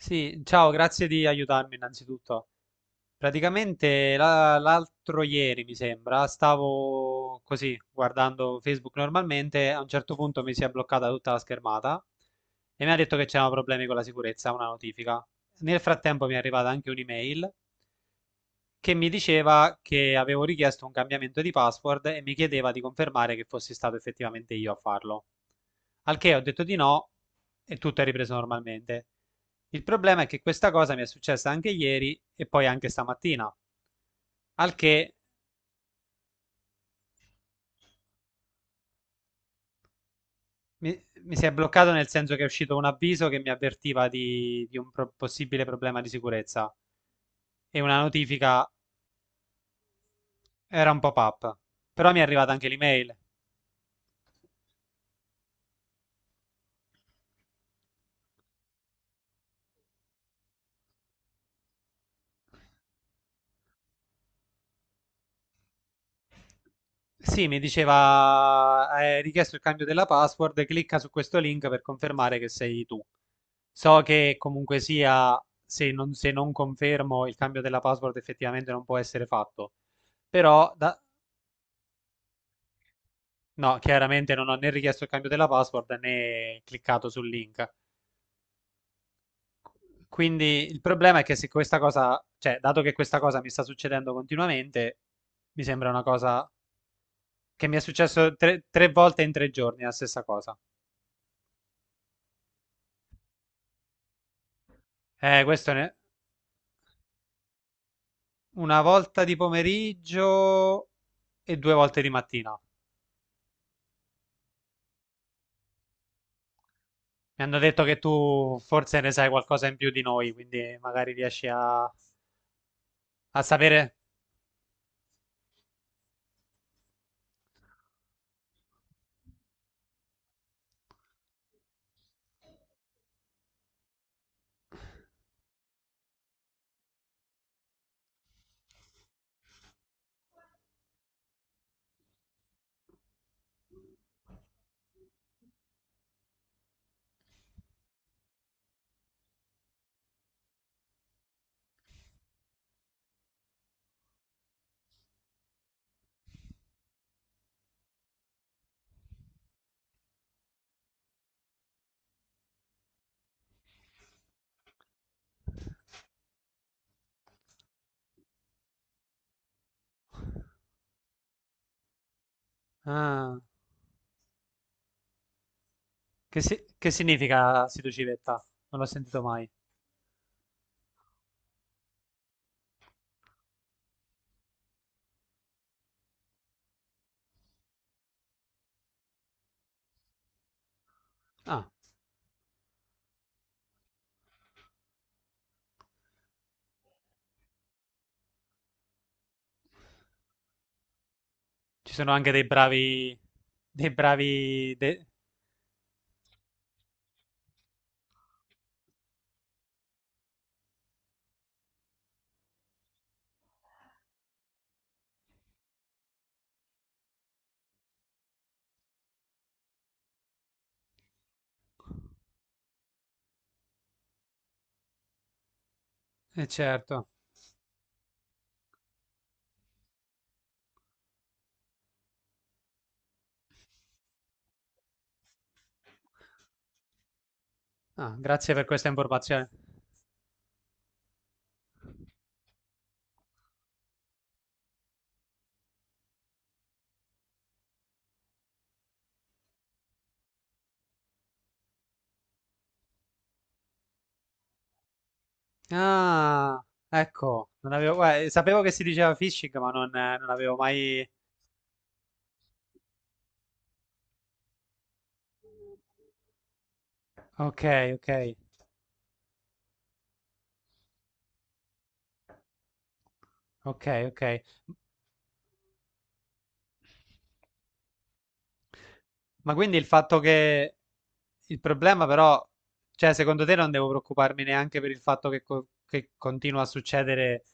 Sì, ciao, grazie di aiutarmi innanzitutto. Praticamente l'altro ieri, mi sembra, stavo così guardando Facebook normalmente. A un certo punto mi si è bloccata tutta la schermata e mi ha detto che c'erano problemi con la sicurezza, una notifica. Nel frattempo mi è arrivata anche un'email che mi diceva che avevo richiesto un cambiamento di password e mi chiedeva di confermare che fossi stato effettivamente io a farlo. Al che ho detto di no e tutto è ripreso normalmente. Il problema è che questa cosa mi è successa anche ieri e poi anche stamattina, al che mi, mi si è bloccato nel senso che è uscito un avviso che mi avvertiva di un possibile problema di sicurezza e una notifica, era un pop-up. Però mi è arrivata anche l'email. Sì, mi diceva, hai richiesto il cambio della password, clicca su questo link per confermare che sei tu. So che comunque sia, se non confermo il cambio della password effettivamente non può essere fatto, però no, chiaramente non ho né richiesto il cambio della password né cliccato sul link. Quindi il problema è che se questa cosa, cioè, dato che questa cosa mi sta succedendo continuamente, mi sembra una cosa che mi è successo tre volte in tre giorni, la stessa cosa. Questo ne... Una volta di pomeriggio e due volte di mattina. Mi hanno detto che tu forse ne sai qualcosa in più di noi, quindi magari riesci a sapere. Ah, che, che significa Situ Civetta? Non l'ho sentito mai. Ah, ci sono anche dei bravi. Dei bravi. De... certo. Ah, grazie per questa informazione. Ah, ecco, non avevo, guarda, sapevo che si diceva phishing, ma non, non avevo mai, okay, okay, okay, okay. M, ma quindi il fatto che il problema però, cioè secondo te non devo preoccuparmi neanche per il fatto che, che continua a succedere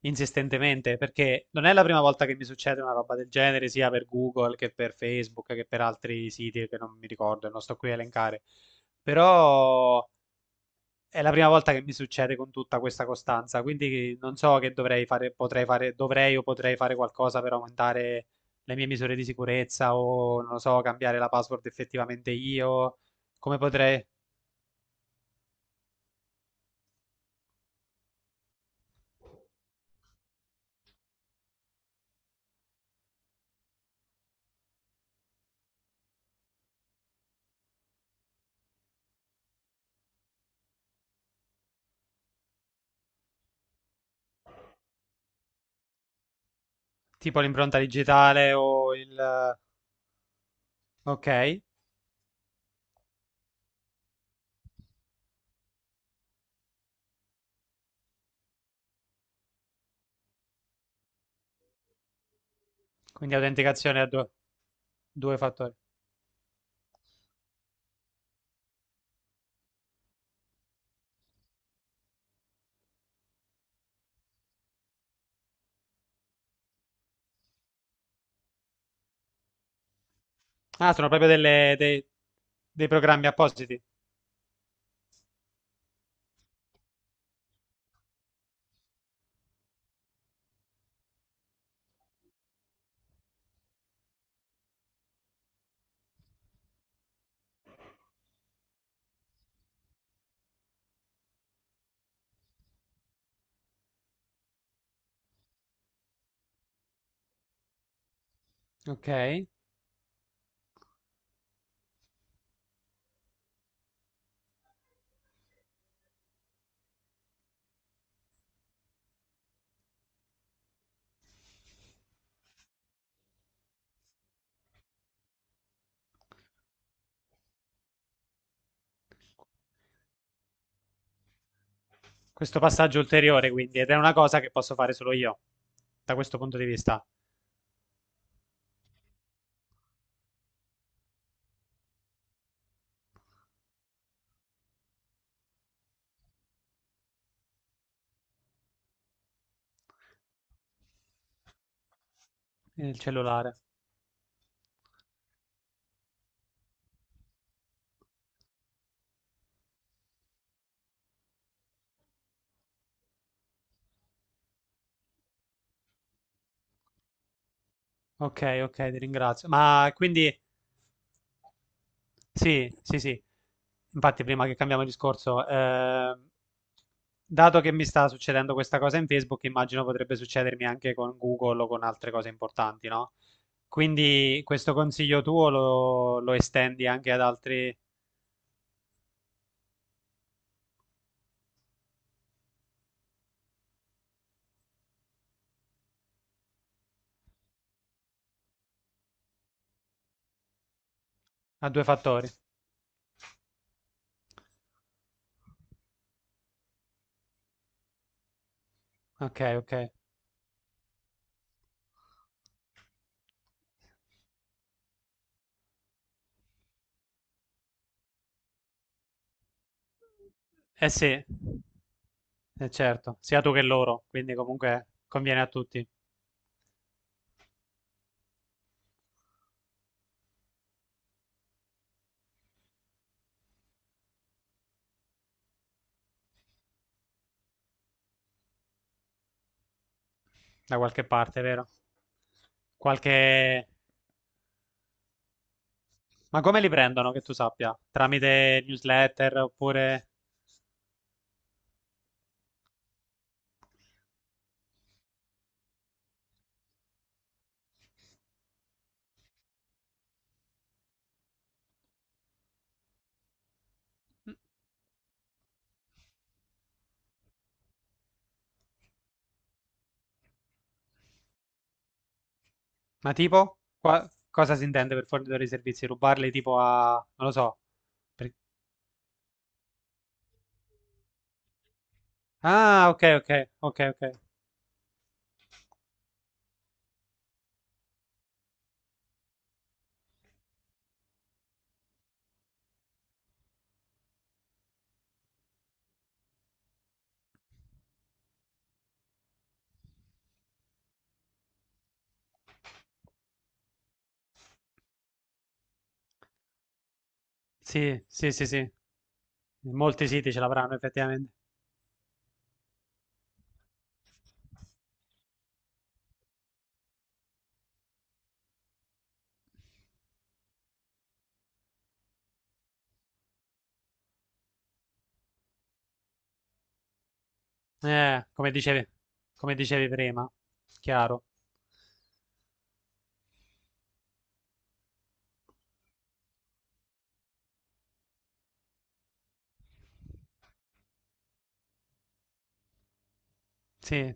insistentemente, perché non è la prima volta che mi succede una roba del genere, sia per Google che per Facebook che per altri siti che non mi ricordo e non sto qui a elencare. Però è la prima volta che mi succede con tutta questa costanza, quindi non so che dovrei fare, potrei fare, dovrei o potrei fare qualcosa per aumentare le mie misure di sicurezza o non lo so, cambiare la password effettivamente io, come potrei, tipo l'impronta digitale o il... Ok, quindi autenticazione a due, due fattori. Ah, sono proprio dei programmi appositi. Ok, questo passaggio ulteriore quindi, ed è una cosa che posso fare solo io, da questo punto di vista. Il cellulare. Ok, ok, ti ringrazio. Ma quindi sì, sì, sì. Infatti, prima che cambiamo discorso, dato che mi sta succedendo questa cosa in Facebook, immagino potrebbe succedermi anche con Google o con altre cose importanti, no? Quindi questo consiglio tuo lo estendi anche ad altri, a due fattori. Ok, ok. Eh sì. Certo, sia tu che loro, quindi comunque conviene a tutti, da qualche parte, vero? Qualche... Ma come li prendono, che tu sappia? Tramite newsletter oppure... Ma tipo? Qua- cosa si intende per fornitore di servizi? Rubarli tipo a... non lo so. Per- ah, ok, ok, ok, ok. Sì, sì, sì, sì. Molti siti ce l'avranno effettivamente. Eh, come dicevi, come dicevi prima. Chiaro. Sì,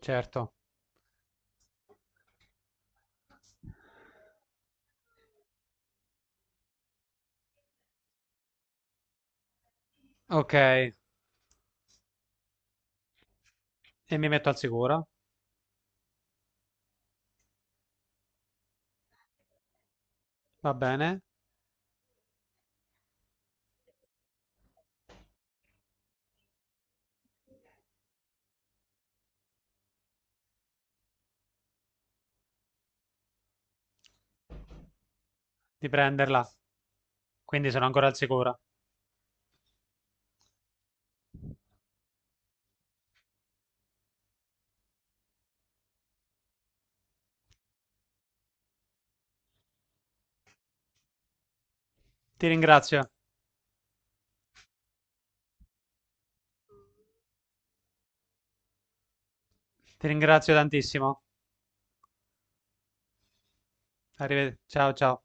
certo. Ok, e mi metto al sicuro. Va bene, di prenderla, quindi sono ancora al sicuro. Ti ringrazio, ti ringrazio tantissimo. Arrivederci, ciao ciao.